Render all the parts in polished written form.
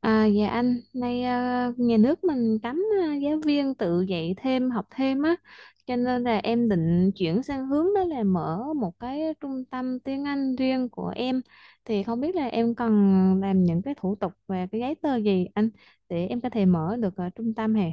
À, dạ anh, nay nhà nước mình cấm giáo viên tự dạy thêm, học thêm á, cho nên là em định chuyển sang hướng đó là mở một cái trung tâm tiếng Anh riêng của em. Thì không biết là em cần làm những cái thủ tục và cái giấy tờ gì anh để em có thể mở được trung tâm hè?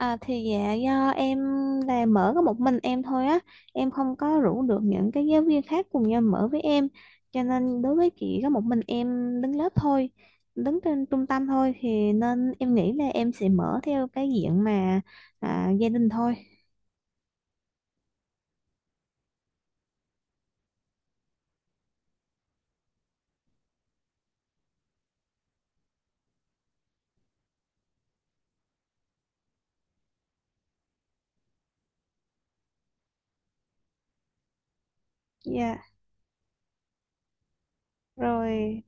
À, thì dạ do em là mở có một mình em thôi á, em không có rủ được những cái giáo viên khác cùng nhau mở với em, cho nên đối với chị có một mình em đứng lớp thôi, đứng trên trung tâm thôi thì nên em nghĩ là em sẽ mở theo cái diện mà gia đình thôi. Dạ rồi.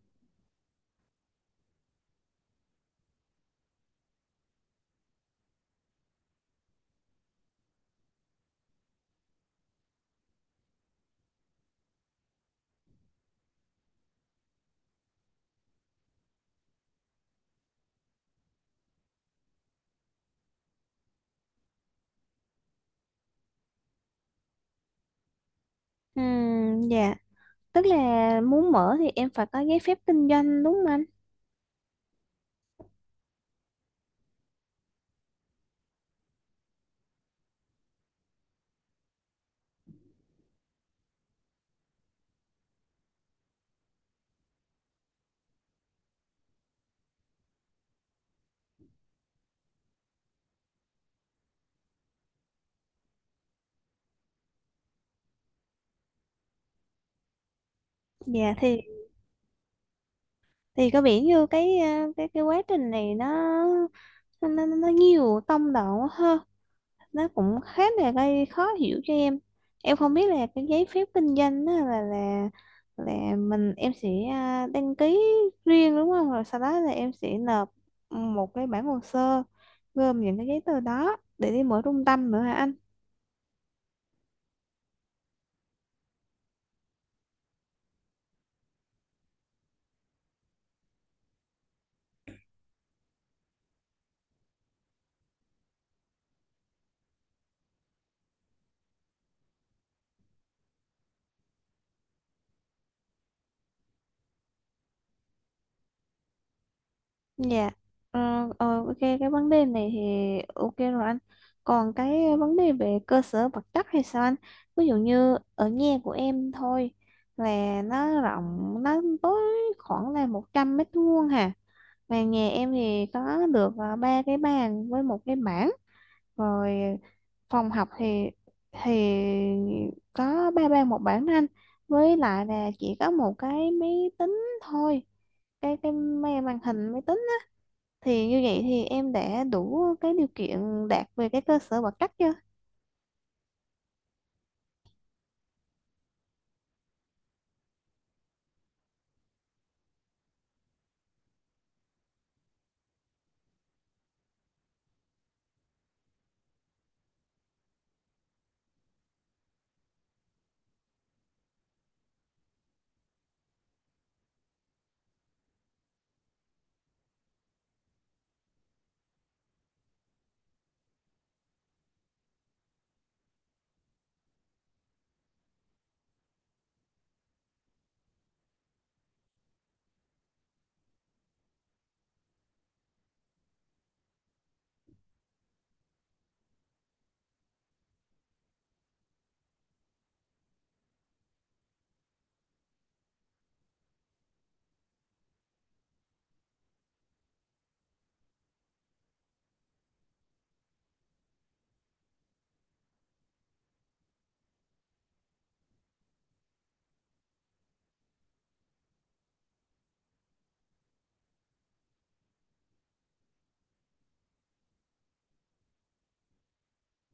Ừm, dạ. Tức là muốn mở thì em phải có giấy phép kinh doanh đúng không anh? Dạ. Thì có vẻ như cái à, cái cái quá trình này nó nhiều tông độ quá ha, nó cũng khá là gây khó hiểu cho em. Em không biết là cái giấy phép kinh doanh đó là mình em sẽ đăng ký riêng đúng không, rồi sau đó là em sẽ nộp một cái bản hồ sơ gồm những cái giấy tờ đó để đi mở trung tâm nữa hả anh? Dạ, ok cái vấn đề này thì ok rồi anh. Còn cái vấn đề về cơ sở vật chất hay sao anh? Ví dụ như ở nhà của em thôi là nó rộng, nó tối, khoảng là 100 mét vuông hà. Mà nhà em thì có được ba cái bàn với một cái bảng. Rồi phòng học thì có ba bàn một bảng đó anh. Với lại là chỉ có một cái máy tính thôi. Cái màn màn hình máy tính thì như vậy thì em đã đủ cái điều kiện đạt về cái cơ sở vật chất chưa?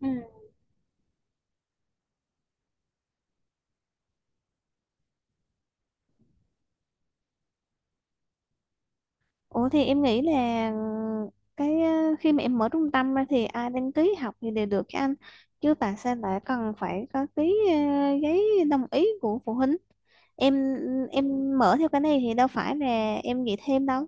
Ừ. Ủa thì em nghĩ là cái khi mà em mở trung tâm ra thì ai đăng ký học thì đều được cho anh, chứ tại sao lại cần phải có cái giấy đồng ý của phụ huynh? Em em mở theo cái này thì đâu phải là em nghĩ thêm đâu.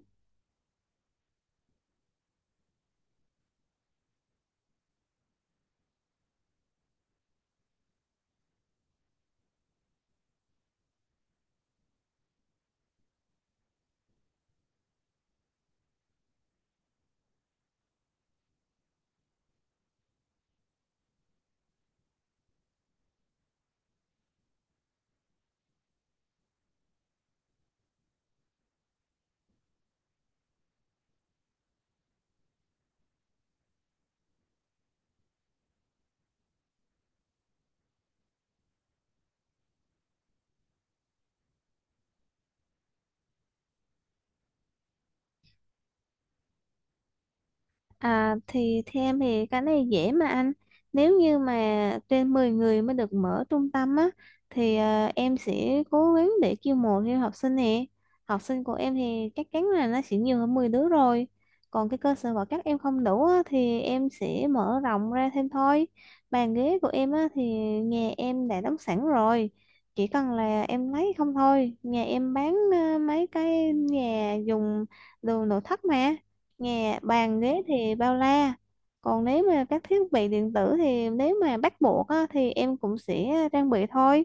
À, thì theo em thì cái này dễ mà anh. Nếu như mà trên 10 người mới được mở trung tâm á, thì em sẽ cố gắng để chiêu mộ thêm học sinh nè. Học sinh của em thì chắc chắn là nó sẽ nhiều hơn 10 đứa rồi. Còn cái cơ sở vật chất em không đủ á, thì em sẽ mở rộng ra thêm thôi. Bàn ghế của em á, thì nhà em đã đóng sẵn rồi, chỉ cần là em lấy không thôi. Nhà em bán mấy cái nhà dùng đồ nội thất mà. Nhà bàn ghế thì bao la. Còn nếu mà các thiết bị điện tử thì nếu mà bắt buộc á, thì em cũng sẽ trang bị thôi.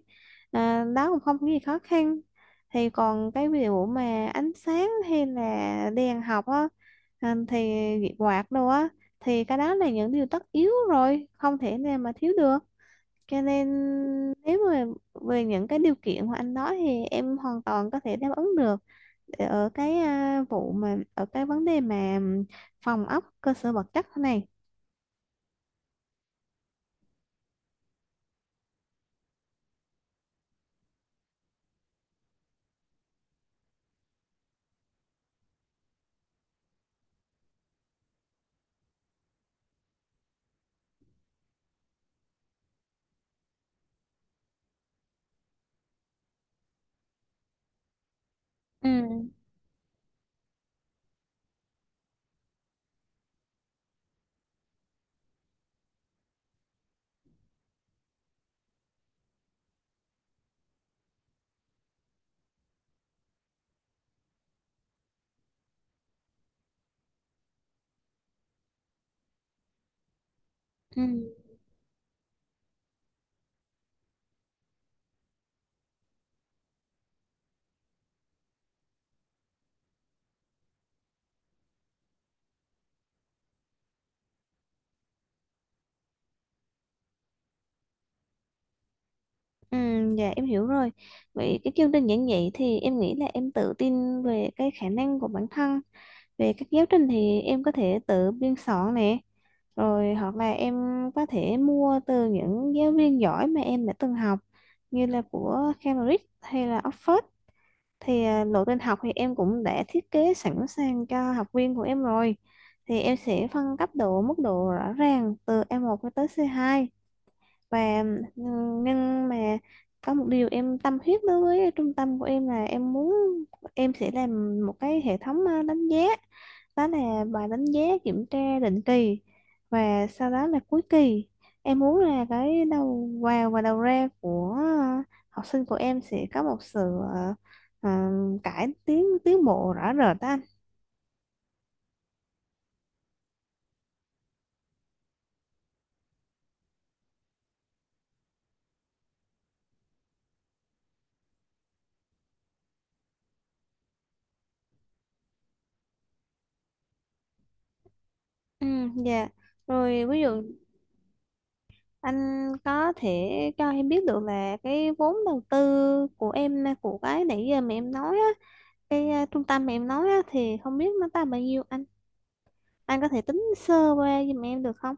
À, đó cũng không có gì khó khăn. Thì còn cái ví dụ mà ánh sáng hay là đèn học á, thì quạt đồ á, thì cái đó là những điều tất yếu rồi, không thể nào mà thiếu được. Cho nên nếu mà về những cái điều kiện của anh nói thì em hoàn toàn có thể đáp ứng được. Để ở cái vụ mà ở cái vấn đề mà phòng ốc cơ sở vật chất thế này. Ừ. Ừ. Ừ. Dạ em hiểu rồi. Vậy cái chương trình giảng dạy thì em nghĩ là em tự tin về cái khả năng của bản thân. Về các giáo trình thì em có thể tự biên soạn nè, rồi hoặc là em có thể mua từ những giáo viên giỏi mà em đã từng học như là của Cambridge hay là Oxford. Thì lộ trình học thì em cũng đã thiết kế sẵn sàng cho học viên của em rồi. Thì em sẽ phân cấp độ mức độ rõ ràng từ E1 cho tới C2. Và ừ, nhưng mà có một điều em tâm huyết đối với trung tâm của em là em muốn em sẽ làm một cái hệ thống đánh giá, đó là bài đánh giá kiểm tra định kỳ và sau đó là cuối kỳ. Em muốn là cái đầu vào và đầu ra của học sinh của em sẽ có một sự ờ, ờ, cải tiến tiến bộ rõ rệt đó anh. Ừ, dạ rồi. Ví dụ anh có thể cho em biết được là cái vốn đầu tư của em của cái nãy giờ mà em nói á, cái trung tâm mà em nói á, thì không biết nó tầm bao nhiêu anh? Anh có thể tính sơ qua giùm em được không?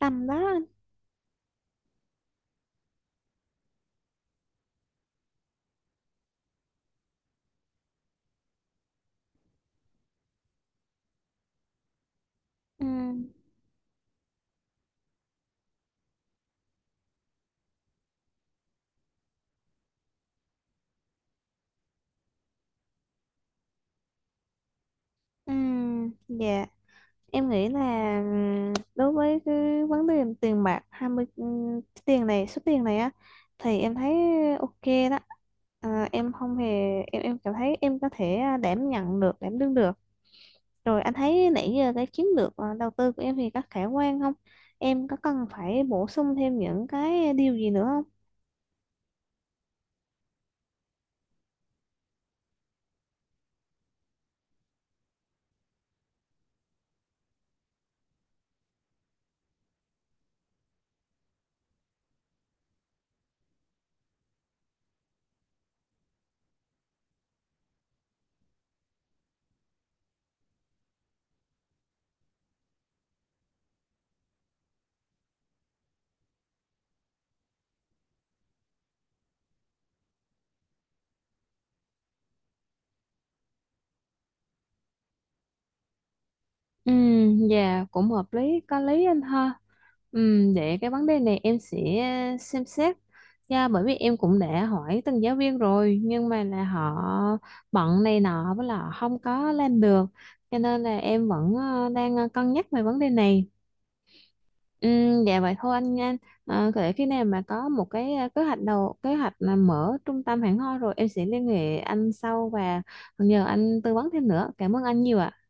Tầm đó anh. Ừ. Dạ em nghĩ là đối với cái vấn đề tiền bạc 20 cái tiền này số tiền này á, thì em thấy ok đó. À, em không hề em cảm thấy em có thể đảm nhận được đảm đương được. Rồi anh thấy nãy giờ cái chiến lược đầu tư của em thì có khả quan không? Em có cần phải bổ sung thêm những cái điều gì nữa? Ừ, dạ cũng hợp lý, có lý anh ha. Ừ, để cái vấn đề này em sẽ xem xét. Dạ, bởi vì em cũng đã hỏi từng giáo viên rồi nhưng mà là họ bận này nọ với là họ không có làm được, cho nên là em vẫn đang cân nhắc về vấn đề này. Ừ, dạ vậy thôi anh nha. À, để khi nào mà có một cái kế hoạch là mở trung tâm hẳn hoi rồi em sẽ liên hệ anh sau và nhờ anh tư vấn thêm nữa. Cảm ơn anh nhiều ạ.